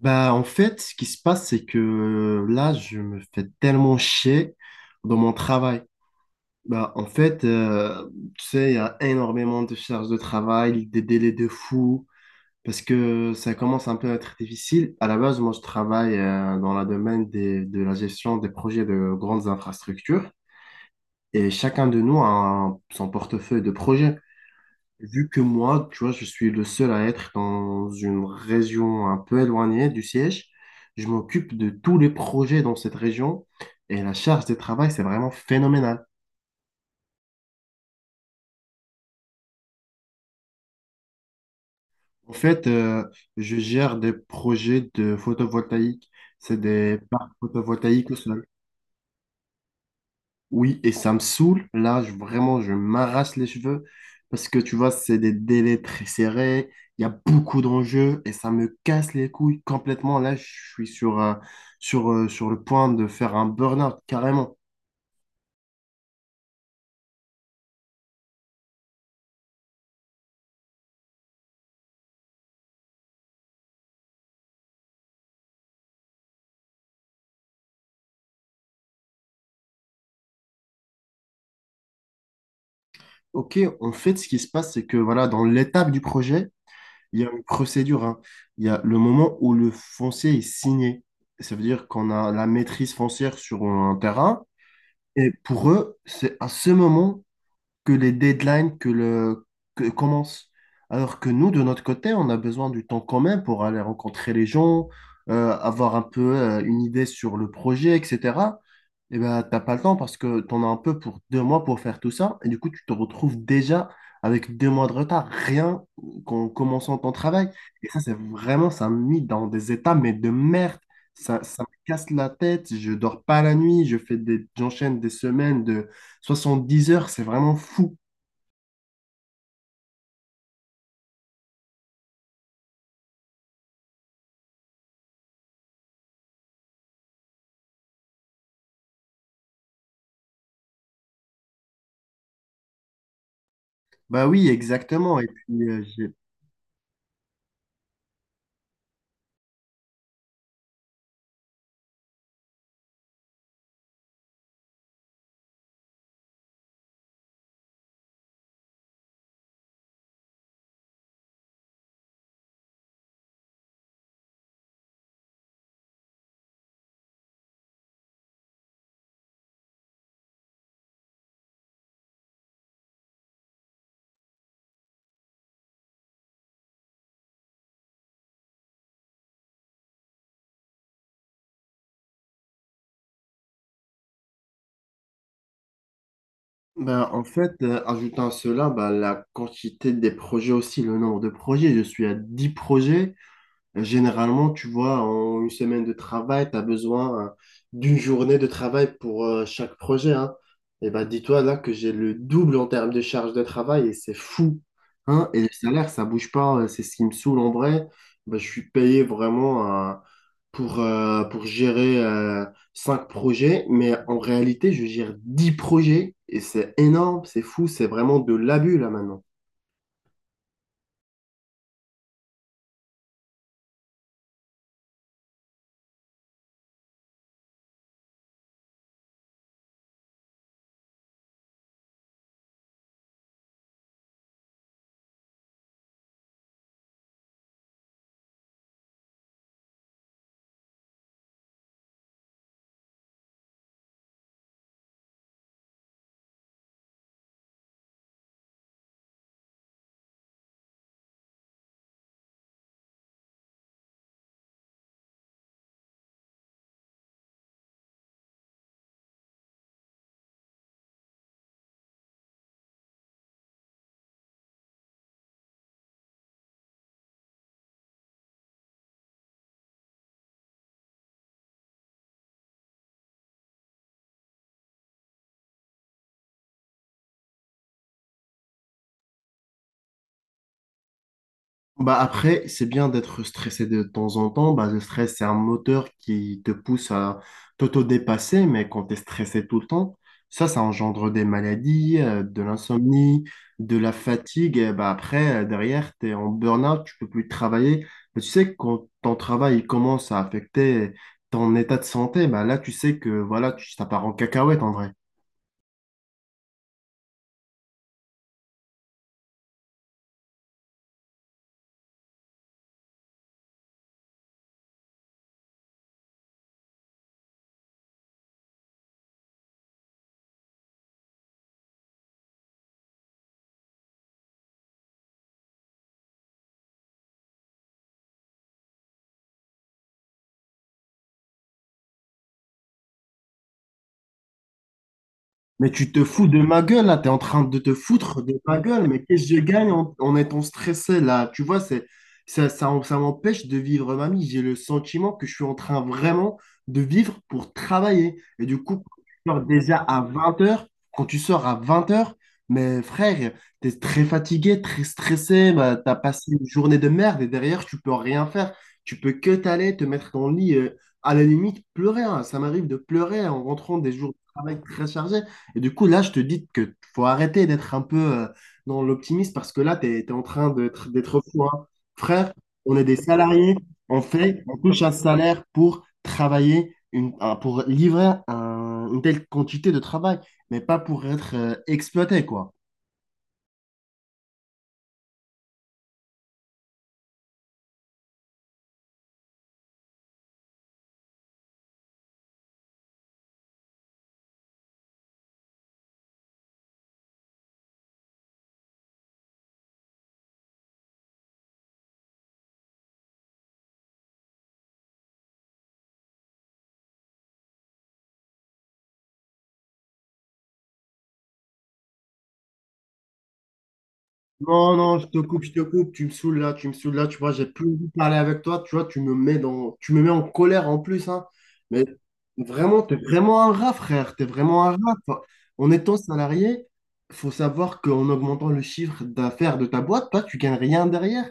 Bah, en fait, ce qui se passe, c'est que là, je me fais tellement chier dans mon travail. Bah, en fait, tu sais, il y a énormément de charges de travail, des délais de fou, parce que ça commence un peu à être difficile. À la base, moi, je travaille dans la domaine de la gestion des projets de grandes infrastructures, et chacun de nous a son portefeuille de projets. Vu que moi, tu vois, je suis le seul à être dans une région un peu éloignée du siège, je m'occupe de tous les projets dans cette région et la charge de travail, c'est vraiment phénoménal. En fait, je gère des projets de photovoltaïque. C'est des parcs photovoltaïques. Oui, et ça me saoule. Là, vraiment, je m'arrache les cheveux parce que tu vois, c'est des délais très serrés. Il y a beaucoup d'enjeux et ça me casse les couilles complètement. Là, je suis sur le point de faire un burn-out carrément. OK, en fait, ce qui se passe, c'est que voilà, dans l'étape du projet, il y a une procédure, hein. Il y a le moment où le foncier est signé. Ça veut dire qu'on a la maîtrise foncière sur un terrain. Et pour eux, c'est à ce moment que les deadlines que commencent. Alors que nous, de notre côté, on a besoin du temps quand même pour aller rencontrer les gens, avoir un peu une idée sur le projet, etc. Et ben, t'as pas le temps parce que tu en as un peu pour 2 mois pour faire tout ça. Et du coup, tu te retrouves déjà avec 2 mois de retard, rien qu'en commençant ton travail. Et ça, c'est vraiment, ça me met dans des états, mais de merde. Ça me casse la tête, je dors pas la nuit, je fais des, j'enchaîne des semaines de 70 heures, c'est vraiment fou. Bah oui, exactement. Et puis, bah, en fait, ajoutant à cela bah, la quantité des projets aussi, le nombre de projets. Je suis à 10 projets. Généralement, tu vois, en une semaine de travail, tu as besoin d'une journée de travail pour chaque projet, hein. Et ben, dis-toi là que j'ai le double en termes de charge de travail et c'est fou, hein. Et le salaire, ça bouge pas, c'est ce qui me saoule en vrai. Ben, je suis payé vraiment pour gérer cinq projets, mais en réalité, je gère 10 projets et c'est énorme, c'est fou, c'est vraiment de l'abus là maintenant. Bah après, c'est bien d'être stressé de temps en temps. Bah, le stress, c'est un moteur qui te pousse à t'auto-dépasser, mais quand tu es stressé tout le temps, ça engendre des maladies, de l'insomnie, de la fatigue. Et bah après, derrière, tu es en burn-out, tu peux plus travailler. Mais tu sais, que quand ton travail il commence à affecter ton état de santé, bah là, tu sais que voilà, tu, ça part en cacahuète en vrai. Mais tu te fous de ma gueule là, t'es en train de te foutre de ma gueule, mais qu'est-ce que je gagne en étant stressé là? Tu vois, c'est, ça m'empêche de vivre ma vie. J'ai le sentiment que je suis en train vraiment de vivre pour travailler. Et du coup, quand tu sors déjà à 20 h, quand tu sors à 20 h, mais frère, t'es très fatigué, très stressé, bah, t'as passé une journée de merde et derrière, tu peux rien faire. Tu peux que t'aller, te mettre dans le lit, à la limite, pleurer. Hein. Ça m'arrive de pleurer en rentrant des jours de travail très chargés. Et du coup, là, je te dis que faut arrêter d'être un peu dans l'optimisme parce que là, tu es, en train d'être fou. Hein. Frère, on est des salariés, on fait, on touche un salaire pour travailler, pour livrer une telle quantité de travail, mais pas pour être exploité, quoi. Non, non, je te coupe, tu me saoules là, tu me saoules là, tu vois, j'ai plus envie de parler avec toi, tu vois, tu me mets en colère en plus, hein. Mais vraiment, t'es vraiment un rat, frère, t'es vraiment un rat. Enfin, en étant salarié, faut savoir qu'en augmentant le chiffre d'affaires de ta boîte, toi, tu gagnes rien derrière.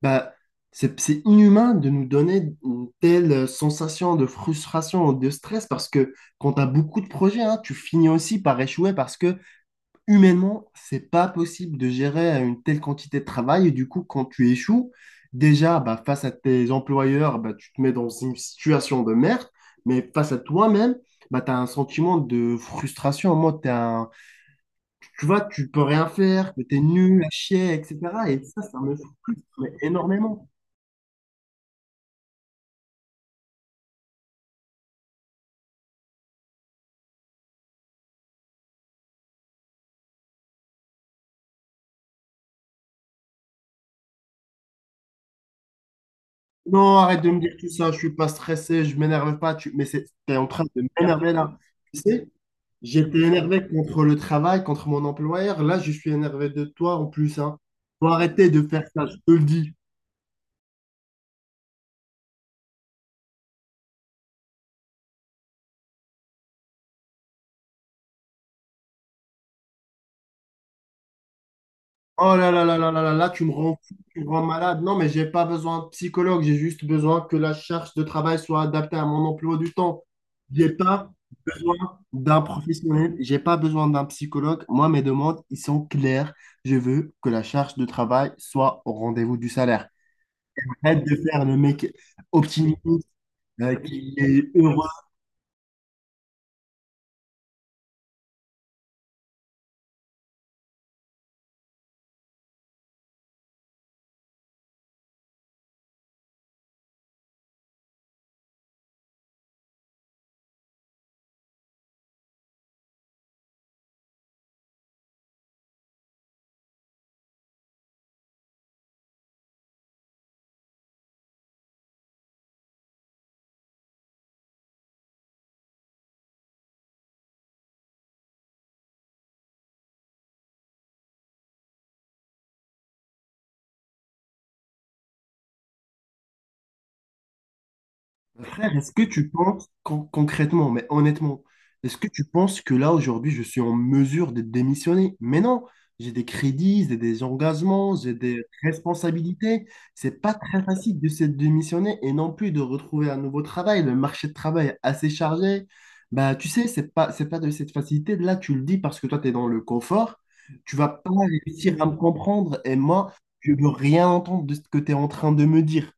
Bah, c'est inhumain de nous donner une telle sensation de frustration, de stress, parce que quand tu as beaucoup de projets, hein, tu finis aussi par échouer parce que humainement, c'est pas possible de gérer une telle quantité de travail. Et du coup, quand tu échoues, déjà, bah, face à tes employeurs, bah, tu te mets dans une situation de merde. Mais face à toi-même, bah, tu as un sentiment de frustration. En mode, tu vois, tu peux rien faire, que tu es nul à chier, etc. Et ça me frustre mais énormément. Non, arrête de me dire tout ça, je suis pas stressé, je m'énerve pas. Tu... Mais c'est, t'es en train de m'énerver là. Tu sais, j'étais énervé contre le travail, contre mon employeur. Là, je suis énervé de toi en plus, hein. Faut arrêter de faire ça, je te le dis. Oh là là là là là là là, tu me rends fou, tu me rends malade. Non, mais j'ai pas besoin de psychologue, j'ai juste besoin que la charge de travail soit adaptée à mon emploi du temps. J'ai pas besoin d'un professionnel, j'ai pas besoin d'un psychologue. Moi, mes demandes, ils sont claires. Je veux que la charge de travail soit au rendez-vous du salaire. Arrête de faire le mec optimiste qui est heureux. Frère, est-ce que tu penses, concrètement, mais honnêtement, est-ce que tu penses que là, aujourd'hui, je suis en mesure de démissionner? Mais non, j'ai des crédits, j'ai des engagements, j'ai des responsabilités. C'est pas très facile de se démissionner et non plus de retrouver un nouveau travail. Le marché de travail est assez chargé. Bah, tu sais, c'est pas de cette facilité. Là, tu le dis parce que toi, tu es dans le confort. Tu vas pas réussir à me comprendre et moi, je veux rien entendre de ce que tu es en train de me dire.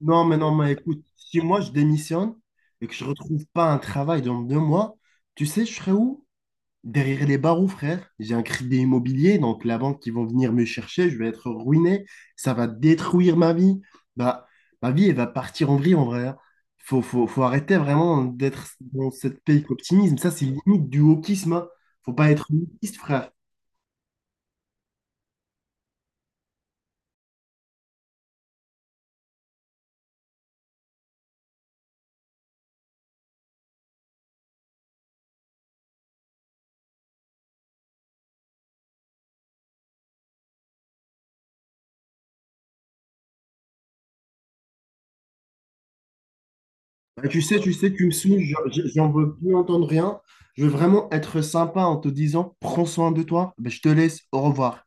Non, mais non, mais écoute, si moi je démissionne et que je retrouve pas un travail dans 2 mois, tu sais, je serai où? Derrière les barreaux, frère. J'ai un crédit immobilier, donc la banque qui vont venir me chercher, je vais être ruiné, ça va détruire ma vie. Bah, ma vie, elle va partir en vrille en vrai. Hein. Faut arrêter vraiment d'être dans cette pays optimisme. Ça, c'est limite du wokisme. Hein. Faut pas être wokiste, frère. Bah, tu sais, tu sais, tu me saoules, j'en veux plus entendre rien. Je veux vraiment être sympa en te disant, prends soin de toi. Bah, je te laisse, au revoir.